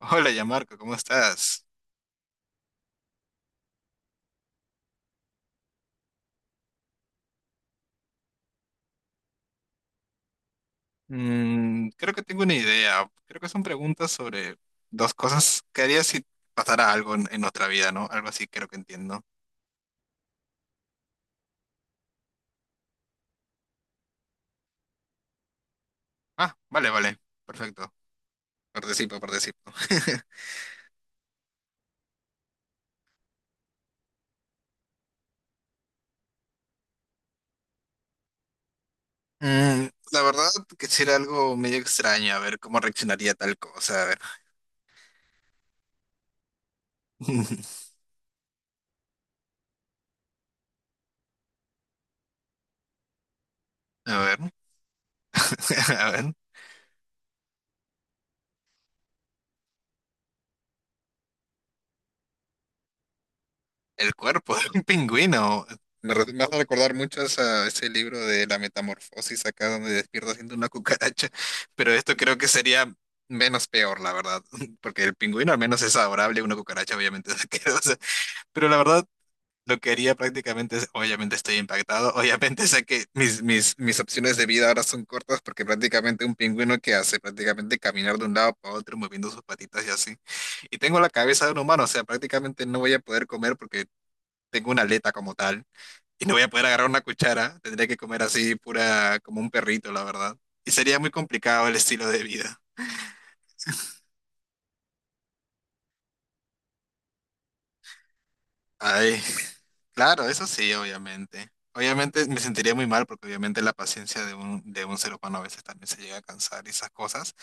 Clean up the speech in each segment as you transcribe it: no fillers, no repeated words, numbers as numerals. Hola, ya Marco, ¿cómo estás? Mm, creo que tengo una idea. Creo que son preguntas sobre dos cosas que harías si pasara algo en nuestra vida, ¿no? Algo así creo que entiendo. Ah, vale, vale. Perfecto. Participo, participo. Mm, la verdad, quisiera algo medio extraño, a ver cómo reaccionaría tal cosa. A ver. A ver. A ver. El cuerpo de un pingüino. Me hace recordar mucho a ese libro de La Metamorfosis, acá donde despierta siendo una cucaracha. Pero esto creo que sería menos peor, la verdad. Porque el pingüino al menos es adorable, una cucaracha obviamente es asquerosa. Pero la verdad, lo que haría prácticamente es, obviamente estoy impactado. Obviamente sé que mis opciones de vida ahora son cortas porque prácticamente un pingüino que hace prácticamente caminar de un lado para otro moviendo sus patitas y así. Y tengo la cabeza de un humano, o sea, prácticamente no voy a poder comer porque tengo una aleta como tal y no voy a poder agarrar una cuchara. Tendría que comer así pura, como un perrito, la verdad. Y sería muy complicado el estilo de vida. Ay, claro, eso sí, obviamente. Obviamente me sentiría muy mal porque obviamente la paciencia de un ser humano a veces también se llega a cansar y esas cosas,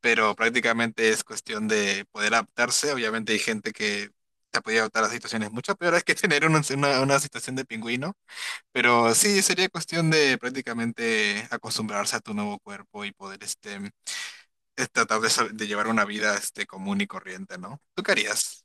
pero prácticamente es cuestión de poder adaptarse. Obviamente hay gente que se ha podido adaptar a situaciones mucho peores que tener una situación de pingüino. Pero sí, sería cuestión de prácticamente acostumbrarse a tu nuevo cuerpo y poder este, es tratar de, de llevar una vida este, común y corriente, ¿no? ¿Tú qué harías?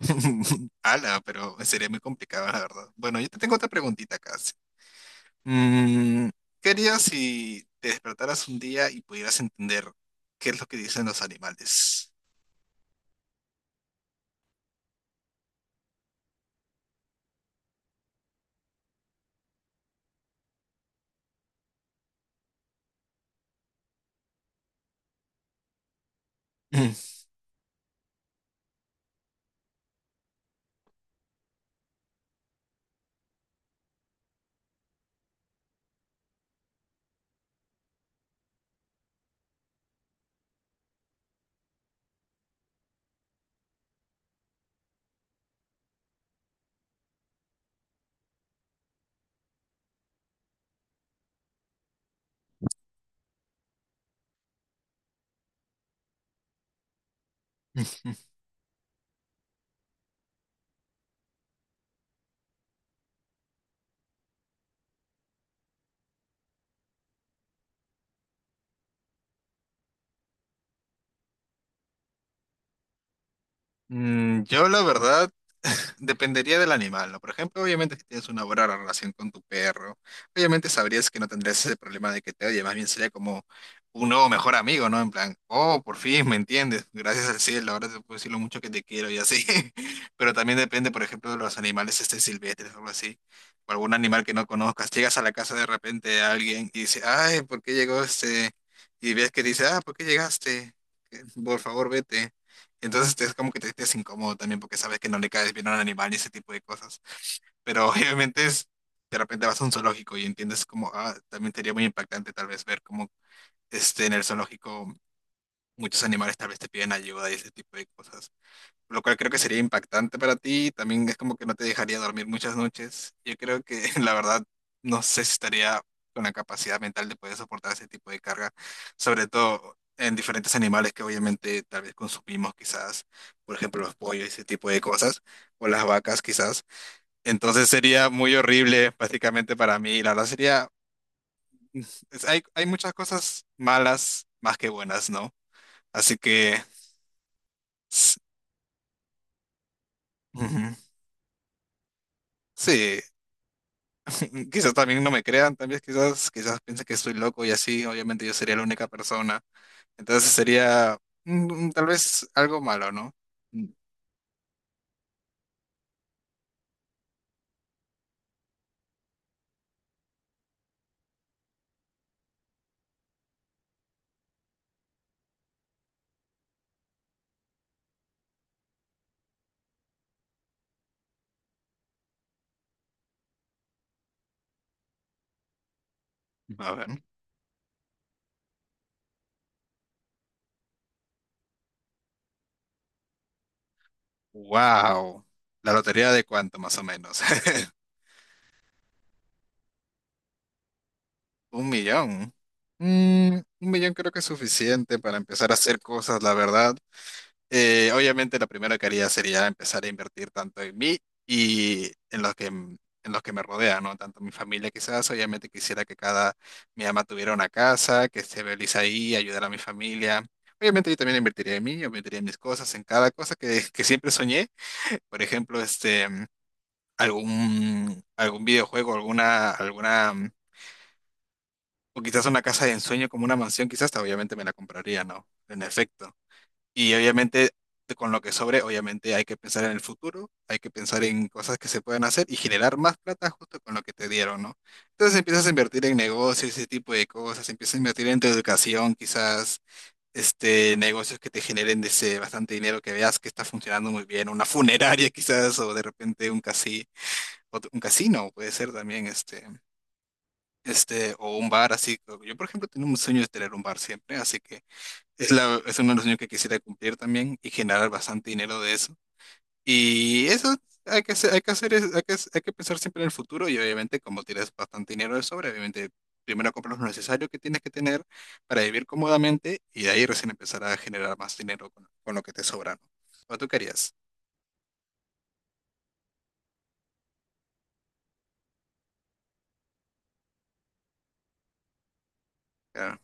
Ala, pero sería muy complicado, la verdad. Bueno, yo te tengo otra preguntita casi. Mm, ¿qué harías si te despertaras un día y pudieras entender qué es lo que dicen los animales? Mm, yo la verdad dependería del animal, ¿no? Por ejemplo, obviamente si tienes una buena relación con tu perro, obviamente sabrías que no tendrías ese problema de que te oye, más bien sería como un nuevo mejor amigo, ¿no? En plan, oh, por fin me entiendes, gracias al cielo, ahora te puedo decir lo mucho que te quiero y así. Pero también depende, por ejemplo, de los animales este silvestres o algo así, o algún animal que no conozcas. Llegas a la casa de repente de alguien y dice, ay, ¿por qué llegó este? Y ves que dice, ah, ¿por qué llegaste? Por favor, vete. Entonces es como que te sientes incómodo también porque sabes que no le caes bien a un animal y ese tipo de cosas. Pero obviamente es, de repente vas a un zoológico y entiendes como, ah, también sería muy impactante tal vez ver como este, en el zoológico muchos animales tal vez te piden ayuda y ese tipo de cosas, lo cual creo que sería impactante para ti. También es como que no te dejaría dormir muchas noches. Yo creo que la verdad no sé si estaría con la capacidad mental de poder soportar ese tipo de carga, sobre todo en diferentes animales que obviamente tal vez consumimos quizás, por ejemplo los pollos, ese tipo de cosas, o las vacas quizás. Entonces sería muy horrible básicamente para mí. La verdad sería, hay, hay muchas cosas malas más que buenas, ¿no? Así que... s- ujú. Sí, mm, quizás también no me crean, también quizás, quizás piensen que estoy loco y así, obviamente yo sería la única persona. Entonces sería mm, mm, tal vez algo malo, ¿no? Mm, a ver. Wow. La lotería de cuánto más o menos. 1 millón. Mm, 1 millón creo que es suficiente para empezar a hacer cosas, la verdad. Obviamente la primera que haría sería empezar a invertir tanto en mí y mm, en los que me rodean, ¿no? Tanto mi familia quizás, obviamente quisiera que mi ama tuviera una casa, que esté feliz ahí, ayudar a mi familia. Obviamente yo también invertiría en mí, yo invertiría en mis cosas, en cada cosa que siempre soñé. Por ejemplo, este, mm, algún videojuego, alguna, mm, o quizás una casa de ensueño como una mansión, quizás, obviamente me la compraría, ¿no? En efecto. Y obviamente, con lo que sobre, obviamente hay que pensar en el futuro, hay que pensar en cosas que se pueden hacer y generar más plata justo con lo que te dieron, ¿no? Entonces empiezas a invertir en negocios, ese tipo de cosas, empiezas a invertir en tu educación, quizás este, negocios que te generen ese bastante dinero, que veas que está funcionando muy bien, una funeraria quizás, o de repente un casino puede ser también, este, o un bar así. Yo, por ejemplo, tengo un sueño de tener un bar siempre, así que... es uno de los sueños que quisiera cumplir también y generar bastante dinero de eso. Y eso hay que hacer, hay que hacer, hay que pensar siempre en el futuro y obviamente como tienes bastante dinero de sobra, obviamente primero compras lo necesario que tienes que tener para vivir cómodamente y de ahí recién empezar a generar más dinero con lo que te sobra, ¿no? ¿O tú querías? Claro,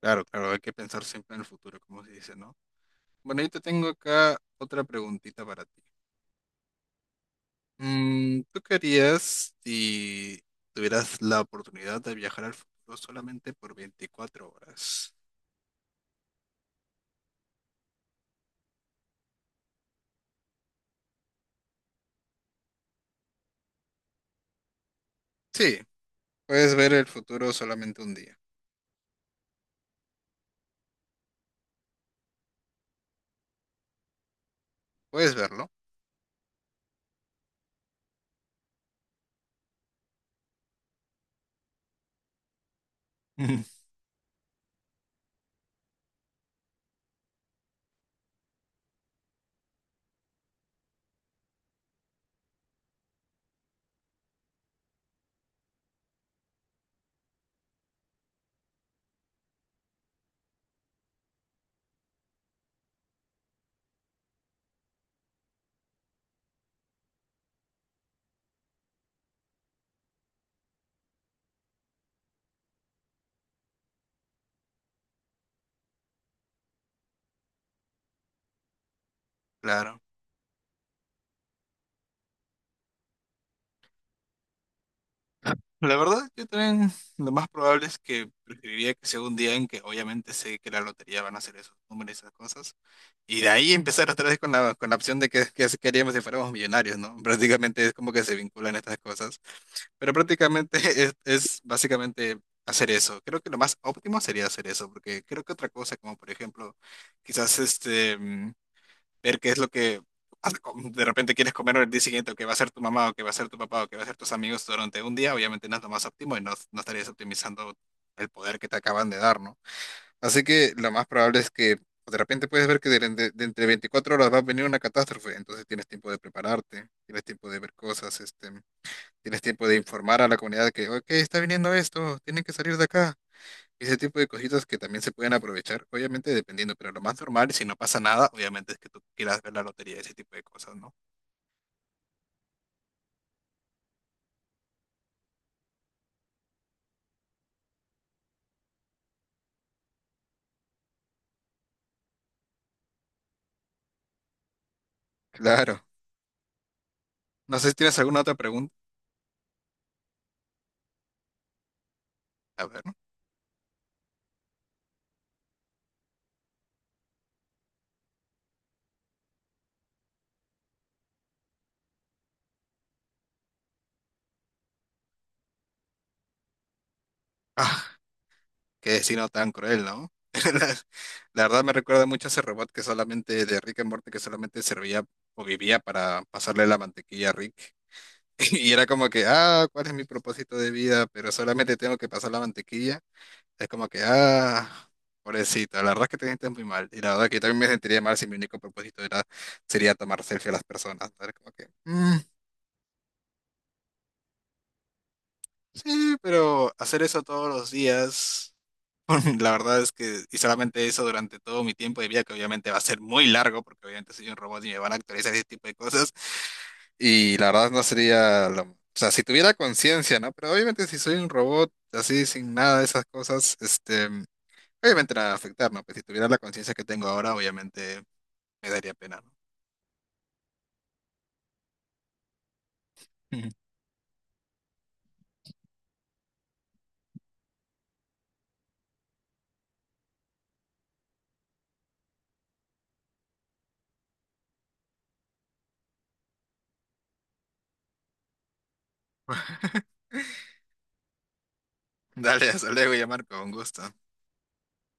claro, claro, hay que pensar siempre en el futuro, como se dice, ¿no? Bueno, yo te tengo acá otra preguntita para ti. Mm, ¿tú qué harías si tuvieras la oportunidad de viajar al futuro solamente por 24 horas? Sí, puedes ver el futuro solamente un día. Puedes verlo, ujú, claro. La verdad, yo también lo más probable es que preferiría que sea un día en que obviamente sé que la lotería van a hacer esos números y esas cosas. Y de ahí empezar otra vez con la opción de que si queríamos si fuéramos millonarios, ¿no? Prácticamente es como que se vinculan estas cosas. Pero prácticamente es básicamente hacer eso. Creo que lo más óptimo sería hacer eso, porque creo que otra cosa, como por ejemplo, quizás este, mm, ver qué es lo que de repente quieres comer el día siguiente, o qué va a ser tu mamá, o qué va a ser tu papá, o qué va a ser tus amigos durante un día, obviamente no es lo más óptimo y no, no estarías optimizando el poder que te acaban de dar, ¿no? Así que lo más probable es que pues, de repente puedes ver que de entre 24 horas va a venir una catástrofe, entonces tienes tiempo de prepararte, tienes tiempo de ver cosas, este, tienes tiempo de informar a la comunidad que, ok, está viniendo esto, tienen que salir de acá. Ese tipo de cositas que también se pueden aprovechar, obviamente dependiendo, pero lo más normal, si no pasa nada, obviamente es que tú quieras ver la lotería, ese tipo de cosas, ¿no? Claro. No sé si tienes alguna otra pregunta. A ver, ¿no? Qué destino tan cruel, ¿no? La, la verdad me recuerda mucho a ese robot que solamente de Rick and Morty que solamente servía o vivía para pasarle la mantequilla a Rick. Y era como que, ah, ¿cuál es mi propósito de vida? Pero solamente tengo que pasar la mantequilla. Es como que, ah, pobrecito, la verdad es que te sientes muy mal. Y la verdad que yo también me sentiría mal si mi único propósito era, sería tomar selfie a las personas, ¿no? Era como que, "Mm, sí, pero hacer eso todos los días. La verdad es que, y solamente eso durante todo mi tiempo de vida, que obviamente va a ser muy largo, porque obviamente soy un robot y me van a actualizar ese tipo de cosas, y la verdad no sería, o sea, si tuviera conciencia, ¿no? Pero obviamente si soy un robot así, sin nada de esas cosas, este, obviamente la va a afectar, ¿no? Pues si tuviera la conciencia que tengo ahora, obviamente me daría pena, ¿no? Ujú. Dale, hasta luego, ya Marco, un gusto.